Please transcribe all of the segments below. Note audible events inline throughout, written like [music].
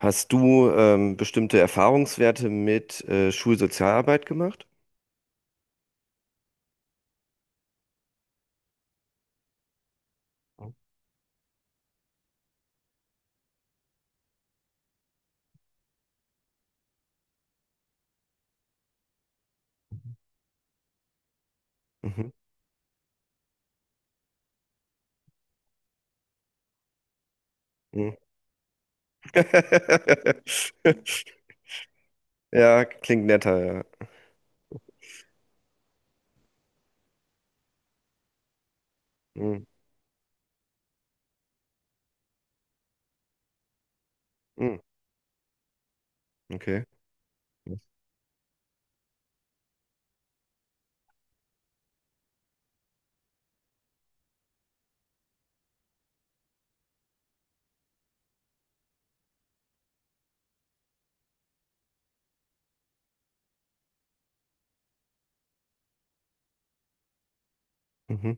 Hast du bestimmte Erfahrungswerte mit Schulsozialarbeit gemacht? Mhm. Mhm. [laughs] Ja, klingt netter, ja. Mhm. Mhm. Okay. Mhm.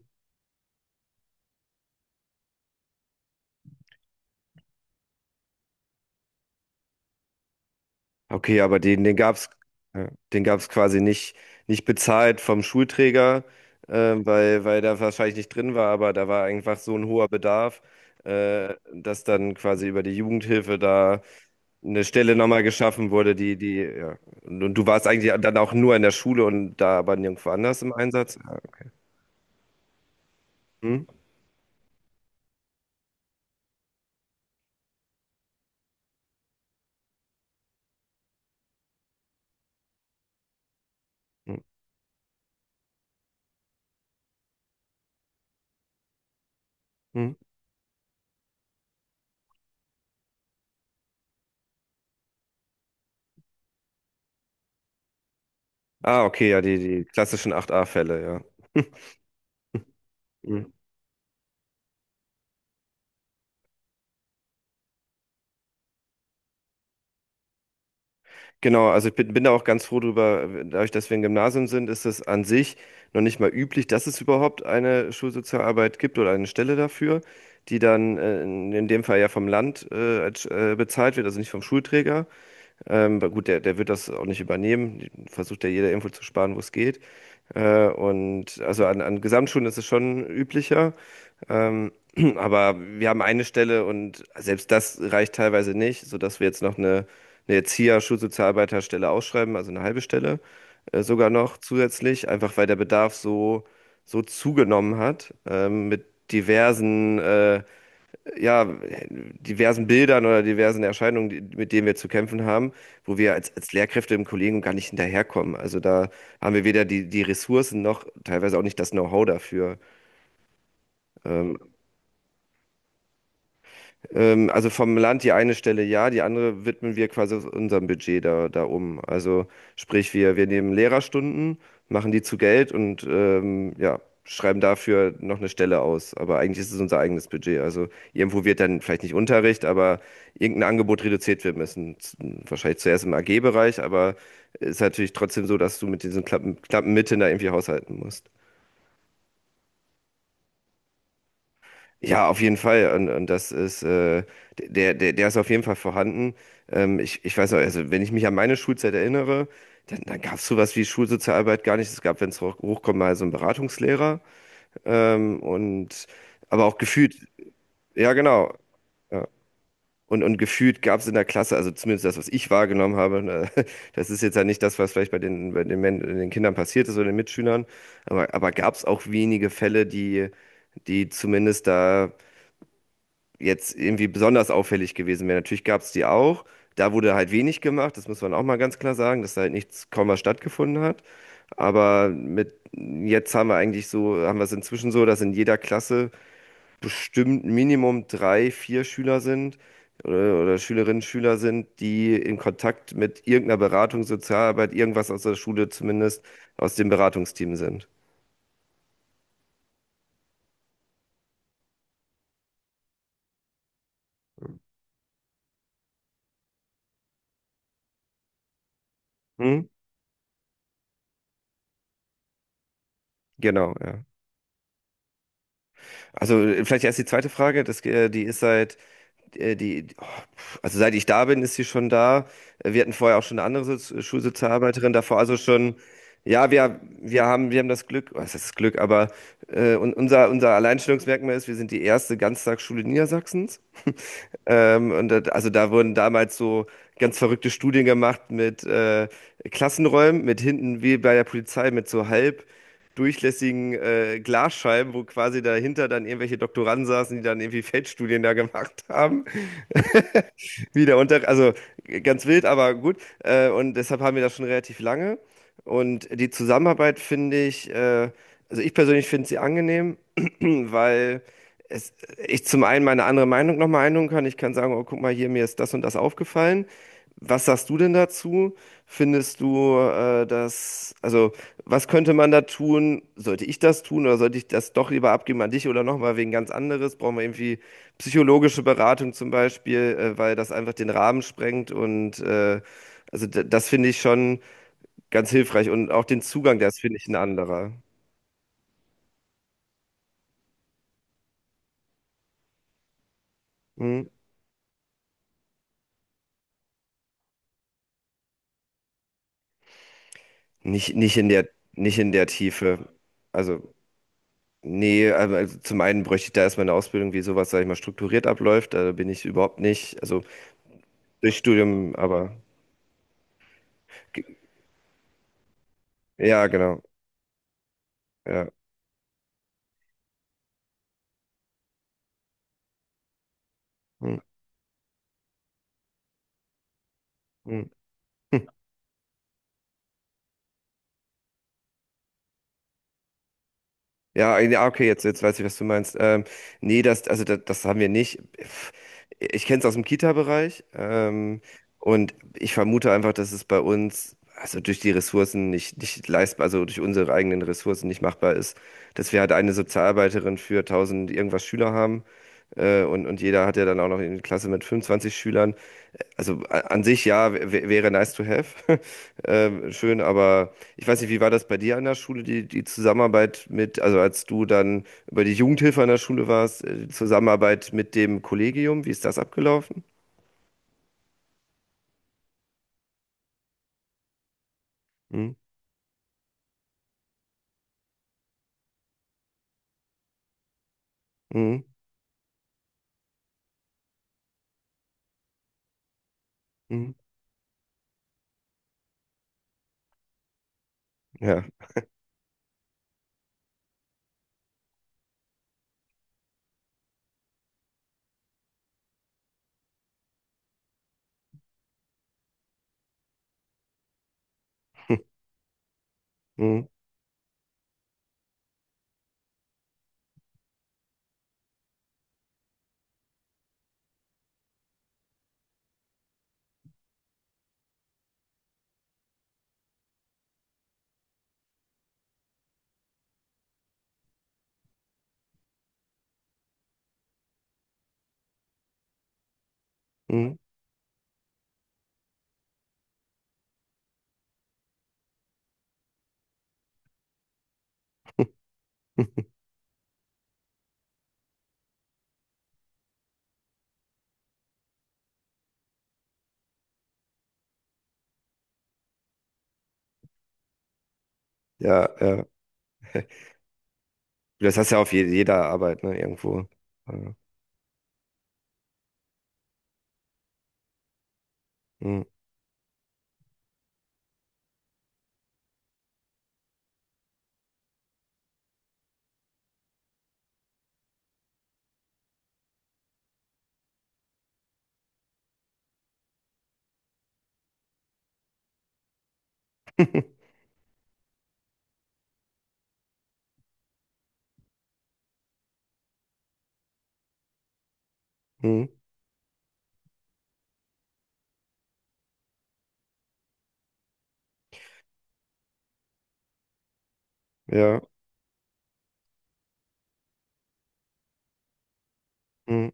Okay, aber den gab's, ja, den gab's quasi nicht, nicht bezahlt vom Schulträger, weil da wahrscheinlich nicht drin war, aber da war einfach so ein hoher Bedarf, dass dann quasi über die Jugendhilfe da eine Stelle nochmal geschaffen wurde, die, die, ja. Und du warst eigentlich dann auch nur in der Schule und da aber nirgendwo anders im Einsatz. Ja. Hm? Hm? Hm? Ah, okay, ja, die klassischen 8a-Fälle, ja. [laughs] Genau, also ich bin da auch ganz froh drüber. Dadurch, dass wir ein Gymnasium sind, ist es an sich noch nicht mal üblich, dass es überhaupt eine Schulsozialarbeit gibt oder eine Stelle dafür, die dann in dem Fall ja vom Land bezahlt wird, also nicht vom Schulträger. Aber gut, der wird das auch nicht übernehmen. Versucht ja jeder irgendwo zu sparen, wo es geht. Und also an Gesamtschulen ist es schon üblicher. Ähm, [clears throat] aber wir haben eine Stelle und selbst das reicht teilweise nicht, sodass wir jetzt noch eine, Schulsozialarbeiterstelle ausschreiben, also eine halbe Stelle, sogar noch zusätzlich, einfach weil der Bedarf so, so zugenommen hat, mit diversen, äh, ja, diversen Bildern oder diversen Erscheinungen, mit denen wir zu kämpfen haben, wo wir als, als Lehrkräfte im Kollegium gar nicht hinterherkommen. Also da haben wir weder die Ressourcen noch teilweise auch nicht das Know-how dafür. Ähm, also vom Land die eine Stelle ja, die andere widmen wir quasi aus unserem Budget da um. Also sprich, wir nehmen Lehrerstunden, machen die zu Geld und ja, schreiben dafür noch eine Stelle aus. Aber eigentlich ist es unser eigenes Budget. Also irgendwo wird dann vielleicht nicht Unterricht, aber irgendein Angebot reduziert werden müssen. Wahrscheinlich zuerst im AG-Bereich, aber es ist natürlich trotzdem so, dass du mit diesen knappen, knappen Mitteln da irgendwie haushalten musst. Ja, auf jeden Fall. Und der ist auf jeden Fall vorhanden. Ich weiß noch, also wenn ich mich an meine Schulzeit erinnere, dann gab es sowas wie Schulsozialarbeit gar nicht. Es gab, wenn es hochkommt, mal so einen Beratungslehrer. Und aber auch gefühlt, ja genau. Ja. Und gefühlt gab es in der Klasse, also zumindest das, was ich wahrgenommen habe, ne, [laughs] das ist jetzt ja nicht das, was vielleicht bei den, Men den Kindern passiert ist oder den Mitschülern, aber gab es auch wenige Fälle, die zumindest da jetzt irgendwie besonders auffällig gewesen wäre. Natürlich gab es die auch. Da wurde halt wenig gemacht, das muss man auch mal ganz klar sagen, dass da halt nichts, kaum was stattgefunden hat. Aber mit jetzt haben wir eigentlich so, haben wir es inzwischen so, dass in jeder Klasse bestimmt Minimum drei, vier Schüler sind oder Schülerinnen, Schüler sind, die in Kontakt mit irgendeiner Beratung, Sozialarbeit, irgendwas aus der Schule zumindest, aus dem Beratungsteam sind. Hm? Genau, ja. Also vielleicht erst die zweite Frage, äh, die, oh, also seit ich da bin, ist sie schon da. Wir hatten vorher auch schon eine andere Schulsozialarbeiterin davor, also schon, ja, wir haben das Glück, was heißt das Glück, aber unser Alleinstellungsmerkmal ist, wir sind die erste Ganztagsschule Niedersachsens. Und also da wurden damals so ganz verrückte Studien gemacht mit Klassenräumen, mit hinten wie bei der Polizei mit so halb durchlässigen Glasscheiben, wo quasi dahinter dann irgendwelche Doktoranden saßen, die dann irgendwie Feldstudien da gemacht haben. [laughs] Also ganz wild, aber gut. Und deshalb haben wir das schon relativ lange. Und die Zusammenarbeit finde ich, also ich persönlich finde sie angenehm, [clears throat] weil es, ich zum einen meine andere Meinung nochmal einholen kann. Ich kann sagen, oh, guck mal hier, mir ist das und das aufgefallen. Was sagst du denn dazu? Findest du, also was könnte man da tun? Sollte ich das tun oder sollte ich das doch lieber abgeben an dich oder nochmal wegen ganz anderes? Brauchen wir irgendwie psychologische Beratung zum Beispiel, weil das einfach den Rahmen sprengt und also das finde ich schon ganz hilfreich und auch den Zugang, der ist, finde ich, ein anderer. Hm? Nicht in der Tiefe. Also, nee, aber also zum einen bräuchte ich da erstmal eine Ausbildung, wie sowas, sag ich mal, strukturiert abläuft. Da bin ich überhaupt nicht. Also durch Studium, aber ge- ja, genau. Ja. Hm, hm. Ja, ja, okay, jetzt weiß ich, was du meinst. Nee, also das haben wir nicht. Ich kenne es aus dem Kita-Bereich, und ich vermute einfach, dass es bei uns, also durch die Ressourcen nicht leistbar, also durch unsere eigenen Ressourcen nicht machbar ist, dass wir halt eine Sozialarbeiterin für 1.000 irgendwas Schüler haben. Und jeder hat ja dann auch noch eine Klasse mit 25 Schülern. Also an sich ja, wäre nice to have. [laughs] Schön, aber ich weiß nicht, wie war das bei dir an der Schule, die Zusammenarbeit mit, also als du dann über die Jugendhilfe an der Schule warst, die Zusammenarbeit mit dem Kollegium, wie ist das abgelaufen? Hm, hm, hm, ja. [laughs] Hm, hm. [laughs] Ja, ja. Das hast du ja auf jeder Arbeit, ne, irgendwo. Ja. Hm. [laughs] Hm, ja. Hm.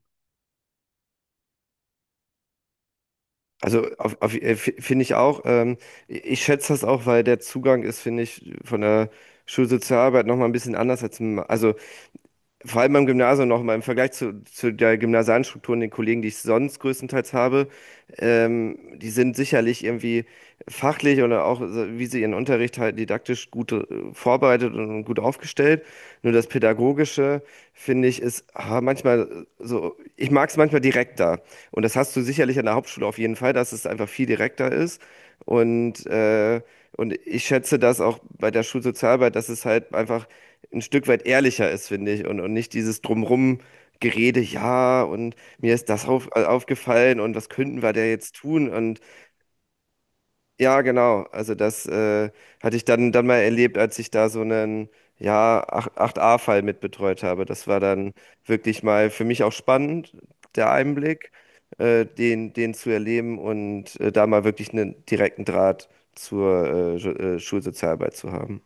Also finde ich auch, ich schätze das auch, weil der Zugang ist, finde ich, von der Schulsozialarbeit nochmal ein bisschen anders als, im- also vor allem beim Gymnasium nochmal im Vergleich zu der gymnasialen Struktur und den Kollegen, die ich sonst größtenteils habe, die sind sicherlich irgendwie fachlich oder auch, so, wie sie ihren Unterricht halt didaktisch gut vorbereitet und gut aufgestellt. Nur das Pädagogische, finde ich, ist manchmal so, ich mag es manchmal direkter. Und das hast du sicherlich an der Hauptschule auf jeden Fall, dass es einfach viel direkter ist. Und äh, und ich schätze das auch bei der Schulsozialarbeit, dass es halt einfach ein Stück weit ehrlicher ist, finde ich, und nicht dieses drumherum gerede ja, und mir ist das aufgefallen und was könnten wir da jetzt tun? Und ja, genau. Also das hatte ich dann mal erlebt, als ich da so einen ja, acht 8a-Fall mitbetreut habe. Das war dann wirklich mal für mich auch spannend, der Einblick, den zu erleben und da mal wirklich einen direkten Draht zur Schulsozialarbeit zu haben.